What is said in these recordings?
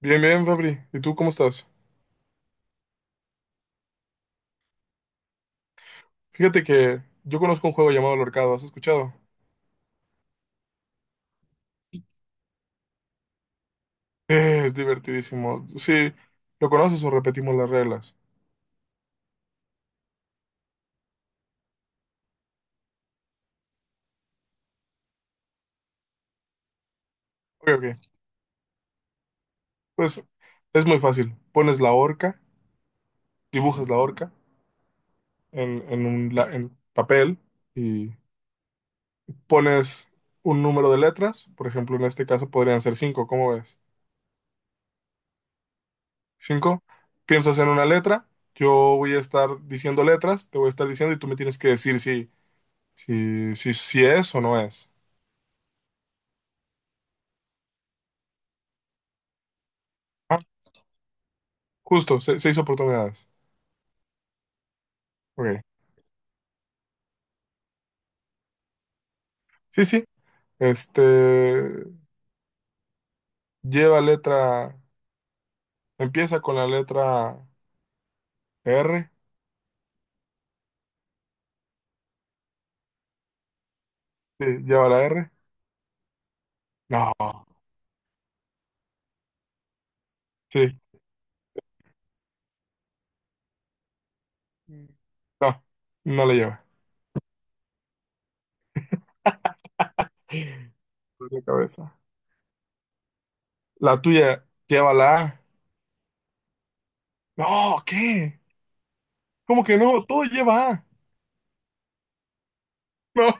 Bien, bien, Fabri. ¿Y tú cómo estás? Fíjate que yo conozco un juego llamado El Horcado, ¿has escuchado? Es divertidísimo. Sí, ¿lo conoces o repetimos las reglas? Ok, ok. Pues es muy fácil. Pones la horca, dibujas la horca en en papel y pones un número de letras. Por ejemplo, en este caso podrían ser 5, ¿cómo ves? 5. Piensas en una letra, yo voy a estar diciendo letras, te voy a estar diciendo y tú me tienes que decir si es o no es. Ah, Justo, 6 oportunidades. Ok. Sí, sí. Este lleva letra, empieza con la letra R. Sí, lleva la R. No, sí, no, no la lleva. Por la cabeza. La tuya lleva la A. No, ¿qué? ¿Cómo que no? Todo lleva A. No.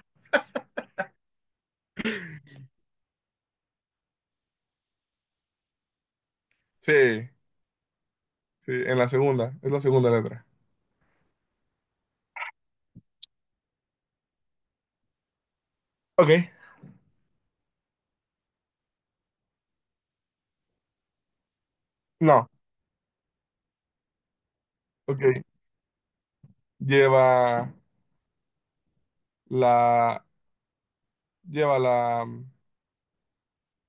Sí, sí, en la segunda, es la segunda letra. Ok. No, ok. Lleva la, lleva la,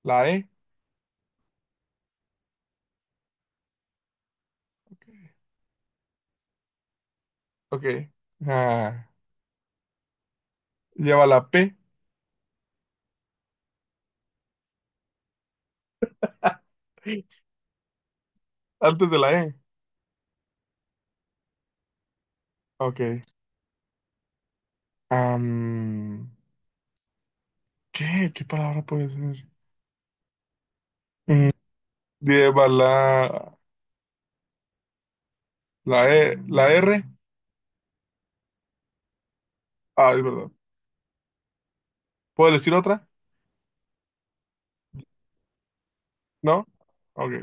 la E. Ok. Ok. Ah, lleva la P antes de la E. Ok. Am, ¿Qué? ¿Qué palabra puede ser? Mm, lleva la E, la R. Ah, es verdad. ¿Puedo decir otra? ¿No? Ok.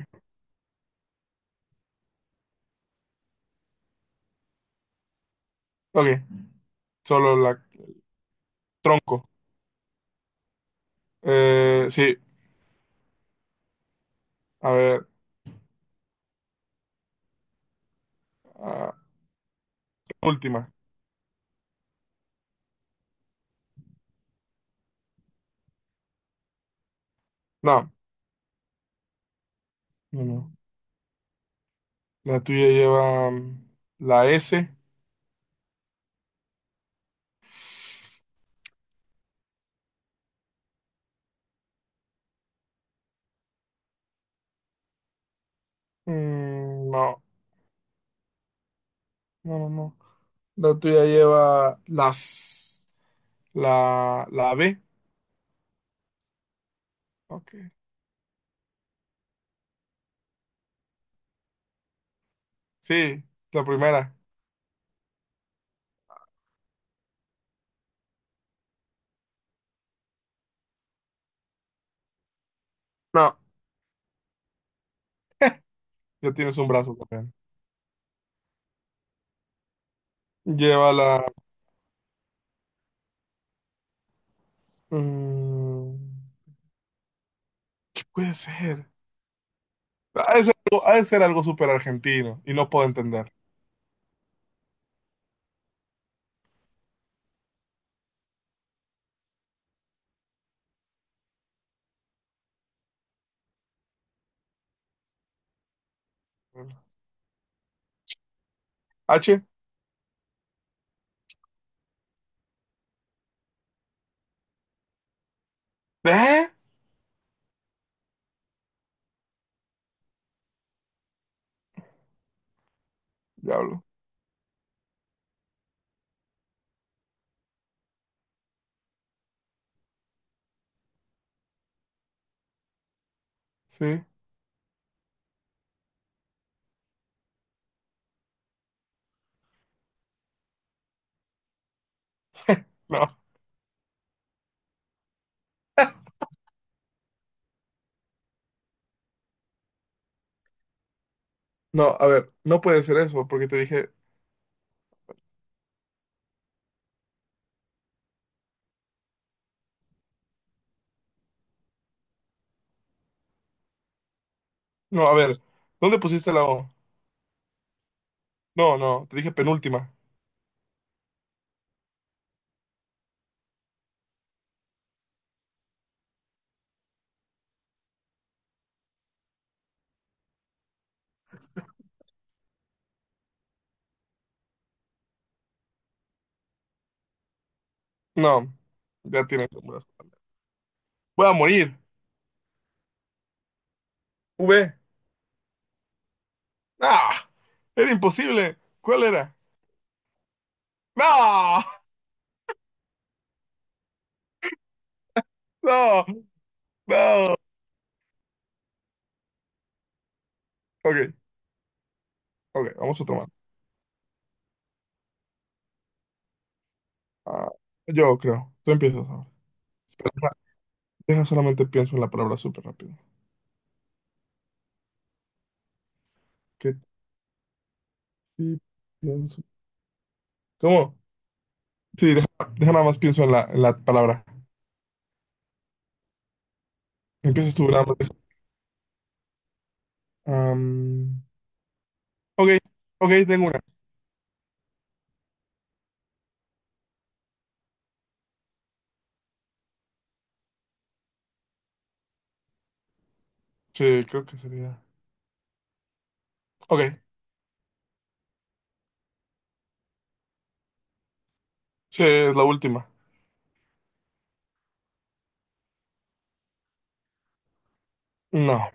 Ok. Solo la tronco. Sí. A ver. ah, Última. No. No, no. La tuya lleva la S. No. No, no, no. La tuya lleva la B. Ok. Sí, la primera. No, ya tienes un brazo también. Lleva la... mm, ¿Qué puede ser? Ha de ser, ha de ser algo súper argentino y no puedo entender. H. ¿Eh? Diablo. Sí. No. No, a ver, no puede ser eso porque te dije... No, a ver, ¿dónde pusiste la O? No, no, te dije penúltima. No, ya tienes un brazo. Voy a morir. V. No, era imposible. ¿Cuál era? No, no, no. Ok, ok, vamos a tomar. Ah, yo creo. Tú empiezas ahora. Deja deja solamente pienso en la palabra súper rápido. ¿Qué sí pienso? ¿Cómo? Sí, deja nada más pienso en la palabra. Empiezas tú nada más. Am, ok, ok, tengo una. Sí, creo que sería. Ok, sí, es la última. No.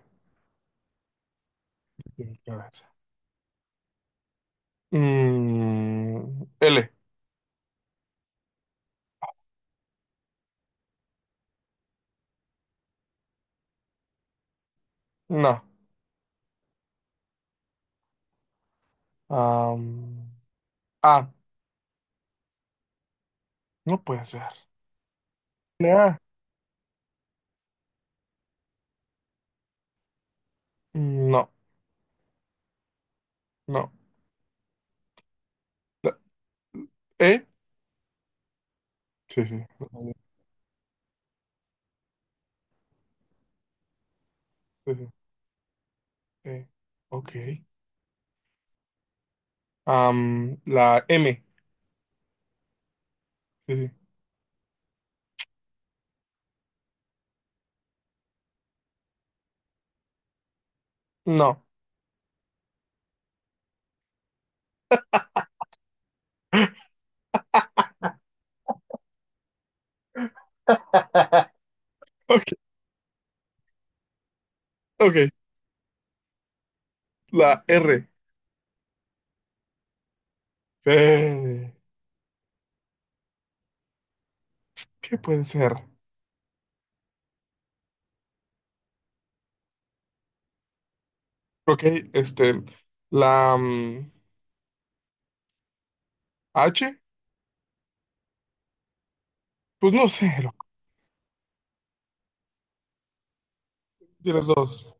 Tienes que ver esa. L. No. Am, A. No puede ser. A. No, no. La- E. Sí, sí. Sí, sí. E. Ok. La M. Sí, sí. No. Ok, ok. La R. Eh, ¿Qué puede ser? Ok, este. La H. Pues no sé. De las dos.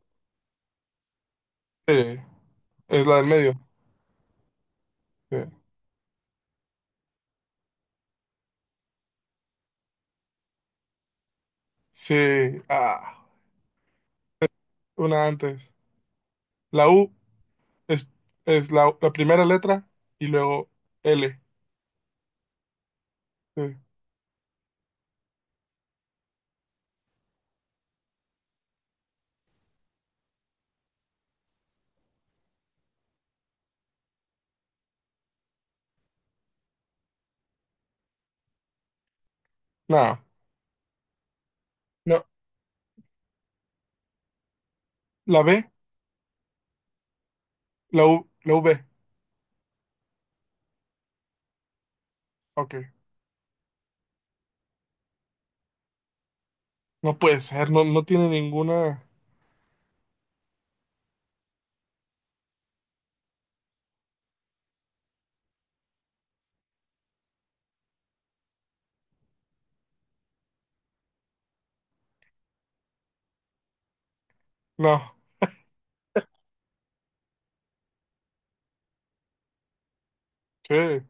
Sí. Es la del medio. Eh, Sí. Ah, una antes. La U. Es, es la primera letra y luego L. Eh, no, no, la B, la U, la V. Ok, no puede ser, no, no tiene ninguna. No, ¿qué?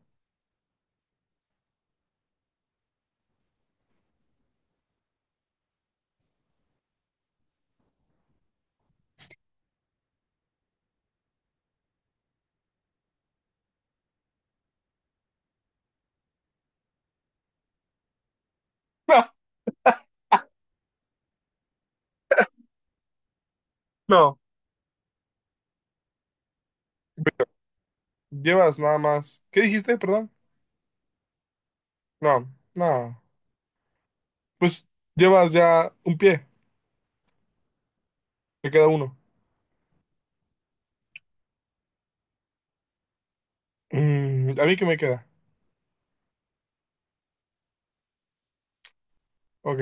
No, no, llevas nada más. ¿Qué dijiste, perdón? No, no. Pues llevas ya un pie, te queda uno. ¿A mí qué me queda? Ok.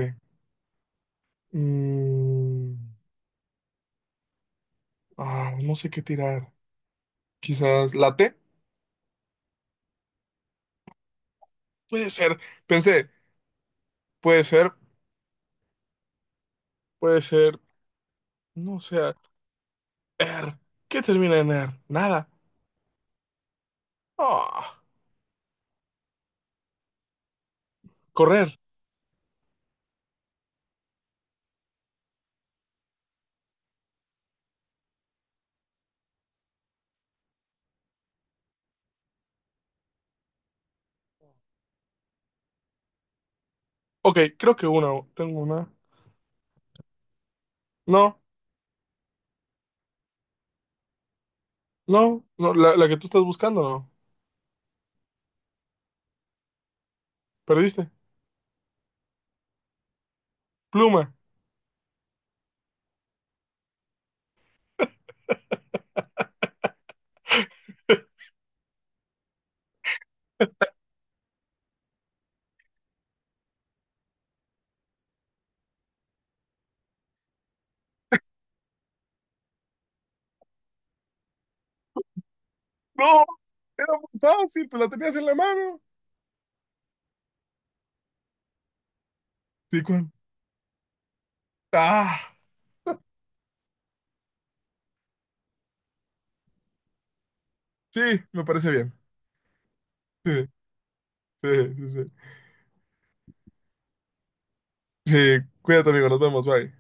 Mm, no sé qué tirar. Quizás la T. Puede ser, pensé, puede ser, puede ser, no sé. Er. ¿Qué termina en er? Nada. Ah, correr. Ok, creo que una. Tengo una. No, no, no. La que tú estás buscando, no. Perdiste. Pluma. No, era muy fácil, pues la tenías en la mano. Sí, Juan. Ah, sí, me parece bien. Sí, sí, sí, sí. Sí, cuídate, amigo. Nos vemos. Bye.